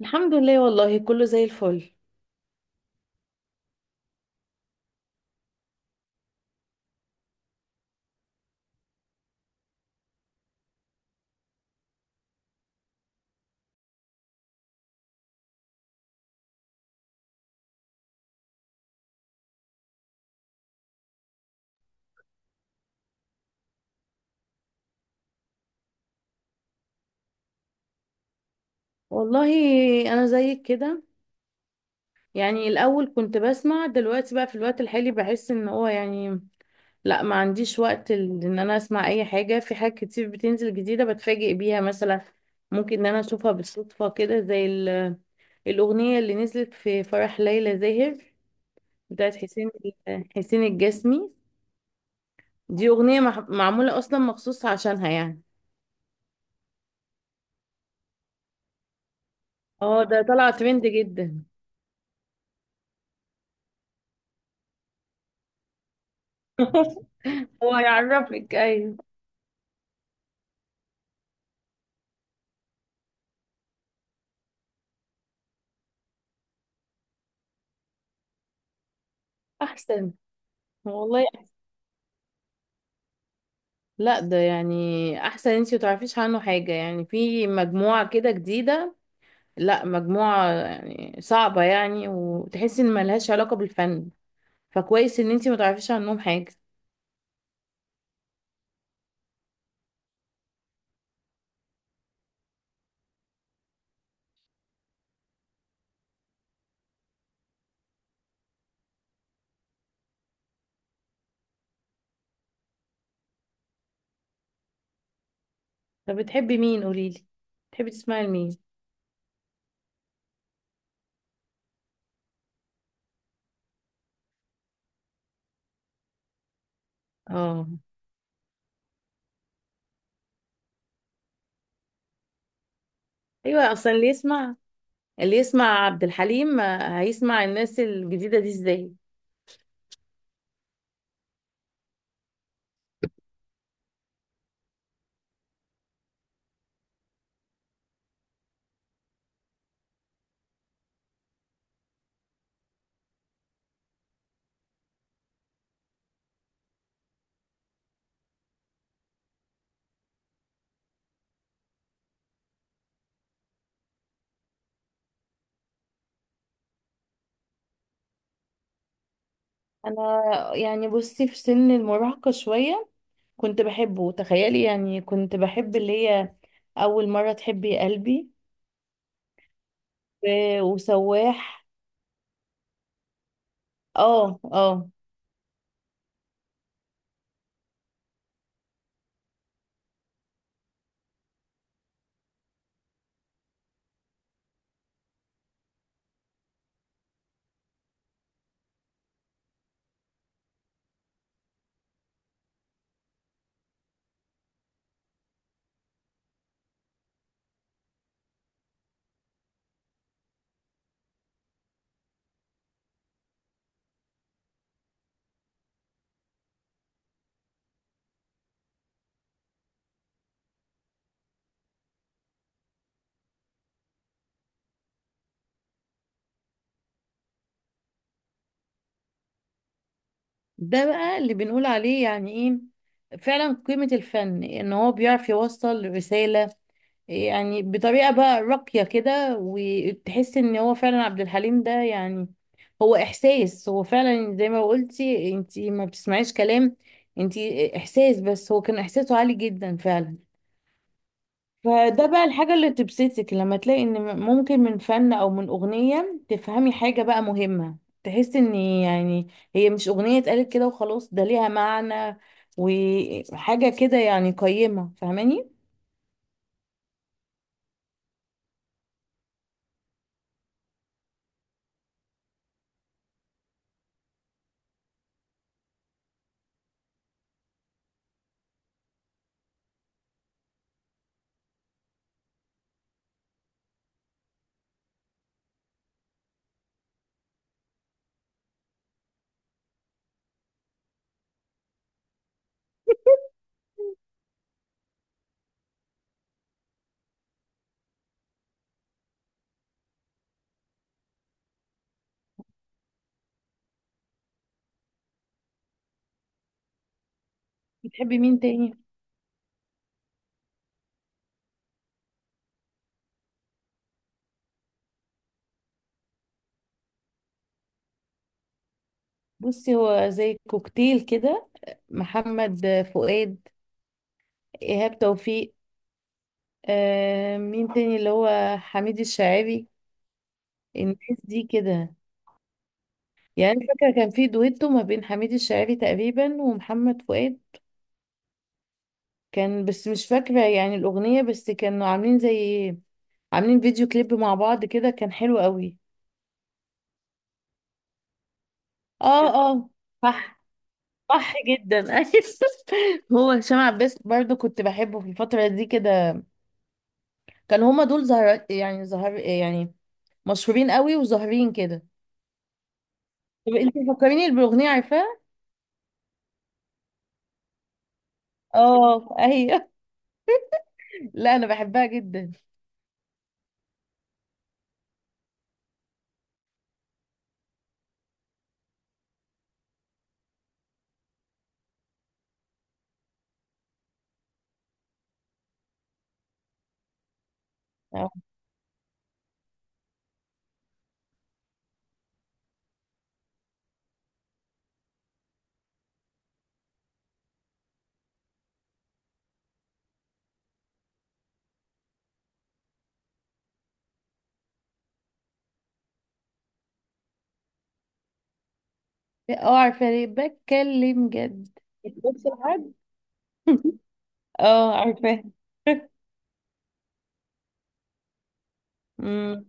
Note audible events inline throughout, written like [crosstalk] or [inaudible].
الحمد لله، والله كله زي الفل. والله، انا زيك كده. يعني الاول كنت بسمع، دلوقتي بقى في الوقت الحالي بحس ان هو يعني لا، ما عنديش وقت ان انا اسمع اي حاجة. في حاجات كتير بتنزل جديدة بتفاجئ بيها مثلا، ممكن ان انا اشوفها بالصدفة كده زي الاغنية اللي نزلت في فرح ليلى زاهر بتاعت حسين الجسمي. دي اغنية معمولة اصلا مخصوص عشانها يعني. اه، ده طلع ترند جدا. [laughs] هو يعرفك، ايوه. احسن. والله. لا، ده يعني احسن انتي متعرفيش عنه حاجة، يعني في مجموعة كده جديدة. لا مجموعة يعني صعبة يعني، وتحسي ان ملهاش علاقة بالفن. فكويس ان انتي متعرفيش عنهم حاجة. طب بتحبي مين؟ قوليلي، بتحبي تسمعي لمين؟ اه، ايوه. اصلا اللي يسمع عبد الحليم، هيسمع الناس الجديدة دي ازاي؟ انا، يعني، بصي، في سن المراهقة شوية كنت بحبه. تخيلي، يعني كنت بحب اللي هي اول مرة تحبي يا قلبي، وسواح. اه، اه. ده بقى اللي بنقول عليه، يعني ايه فعلا قيمة الفن ان هو بيعرف يوصل رسالة، يعني بطريقة بقى راقية كده، وتحس ان هو فعلا عبد الحليم ده. يعني هو احساس، هو فعلا زي ما قلتي انتي، ما بتسمعيش كلام، انتي احساس، بس هو كان احساسه عالي جدا فعلا. فده بقى الحاجة اللي تبسطك لما تلاقي ان ممكن من فن او من اغنية تفهمي حاجة بقى مهمة. تحس ان، يعني، هي مش اغنية اتقالت كده وخلاص، ده ليها معنى وحاجة كده، يعني قيمة، فاهماني؟ بتحبي مين تاني؟ بصي، هو زي كوكتيل كده، محمد فؤاد، ايهاب توفيق، مين تاني، اللي هو حميد الشاعري، الناس دي كده. يعني أنا فاكرة كان في دويتو ما بين حميد الشاعري تقريبا ومحمد فؤاد، كان، بس مش فاكرة يعني الأغنية، بس كانوا عاملين زي فيديو كليب مع بعض كده، كان حلو قوي. اه، اه، صح. صح جدا. [laughs] ايوه، هو هشام عباس برضو كنت بحبه في الفترة دي كده. كان هما دول زهر، يعني زهر يعني مشهورين قوي وظاهرين كده. طب انت فكريني بالأغنية، عارفاها؟ اه، ايوه. [laughs] لا انا بحبها جدا. اه، عارفاها. ليه بتكلم جد؟ بتبص لحد. [laughs] اه، عارفاها. [laughs] أمم.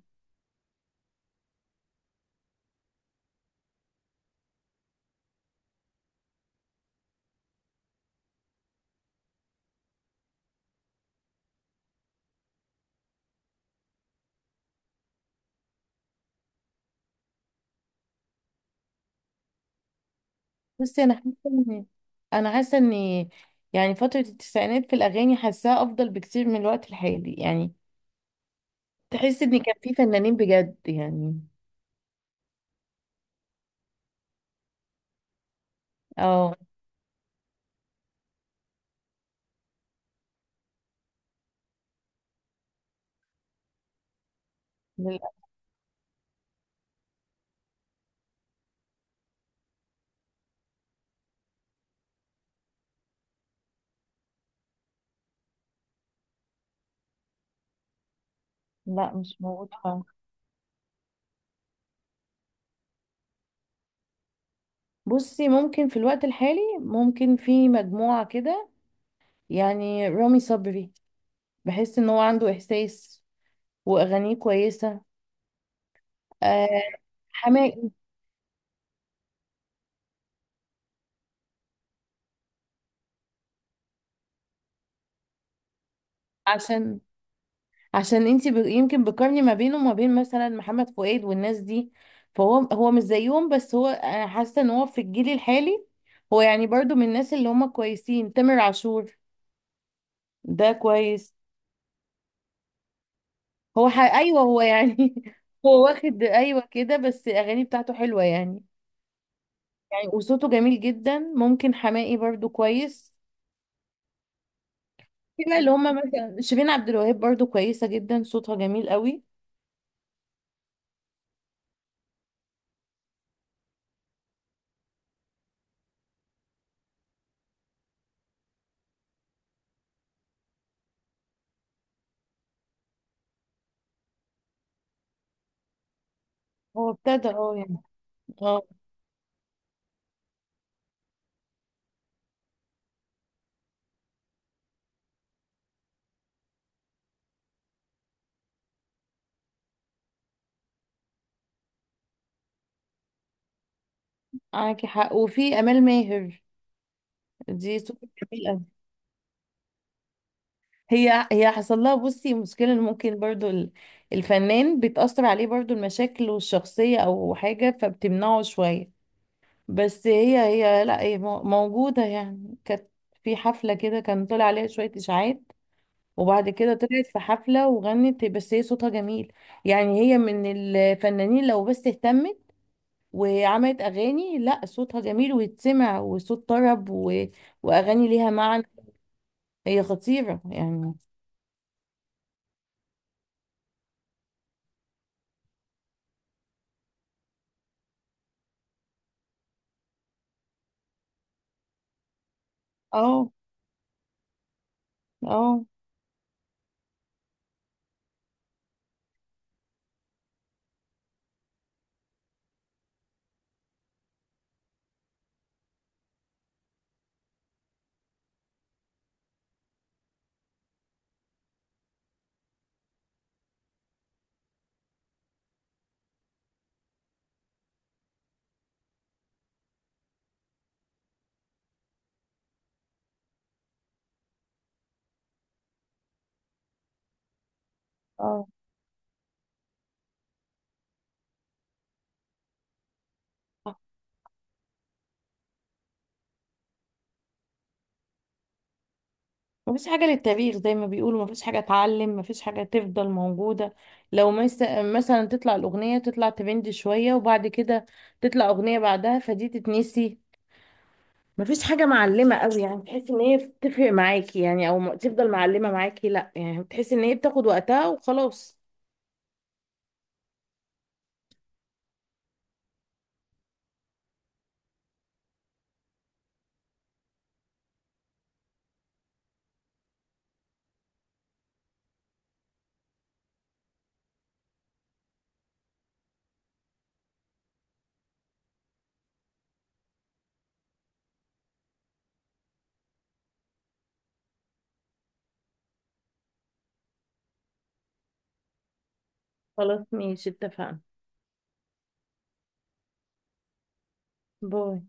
بصي، انا حاسه ان يعني فتره التسعينات في الاغاني حاساها افضل بكتير من الوقت الحالي، يعني تحس ان كان في فنانين بجد يعني. اه. للأ- لا، مش موجود خالص. بصي، ممكن في الوقت الحالي ممكن في مجموعه كده، يعني رامي صبري، بحس ان هو عنده احساس واغانيه كويسه. آه، حماقي. عشان عشان انتي يمكن بتقارني ما بينه وما بين مثلا محمد فؤاد والناس دي. فهو مش زيهم، بس هو انا حاسه ان هو في الجيل الحالي، هو يعني برضو من الناس اللي هم كويسين. تامر عاشور ده كويس. ايوه، هو يعني [laughs] هو واخد ايوه كده، بس الاغاني بتاعته حلوه يعني. يعني وصوته جميل جدا. ممكن حماقي برضو كويس. في بقى اللي هم مثلا شيرين عبد الوهاب برضو كويسه جدا، صوتها جميل قوي. هو ابتدى، اه، يعني. اه، معاكي حق. وفي امال ماهر، دي سوبر جميل قوي. هي حصل لها، بصي، مشكلة إن ممكن برضو الفنان بتأثر عليه برضو المشاكل الشخصية أو حاجة، فبتمنعه شوية. بس هي لا هي موجودة، يعني كانت في حفلة كده، كان طلع عليها شوية إشاعات، وبعد كده طلعت في حفلة وغنت. بس هي صوتها جميل، يعني هي من الفنانين لو بس اهتمت وعملت أغاني، لا صوتها جميل ويتسمع وصوت طرب، وأغاني ليها معنى. هي خطيرة يعني. اه، اه، اه. مفيش حاجة للتاريخ زي ما بيقولوا، مفيش حاجة اتعلم، مفيش حاجة تفضل موجودة. لو مس- مثلا تطلع الأغنية، تطلع ترند شوية وبعد كده تطلع أغنية بعدها، فدي تتنسي. مفيش حاجة معلمة قوي، يعني تحس ان هي بتفرق معاكي، يعني او تفضل معلمة معاكي. لا يعني بتحس ان هي بتاخد وقتها وخلاص. خلاص، ماشي، اتفقنا. باي.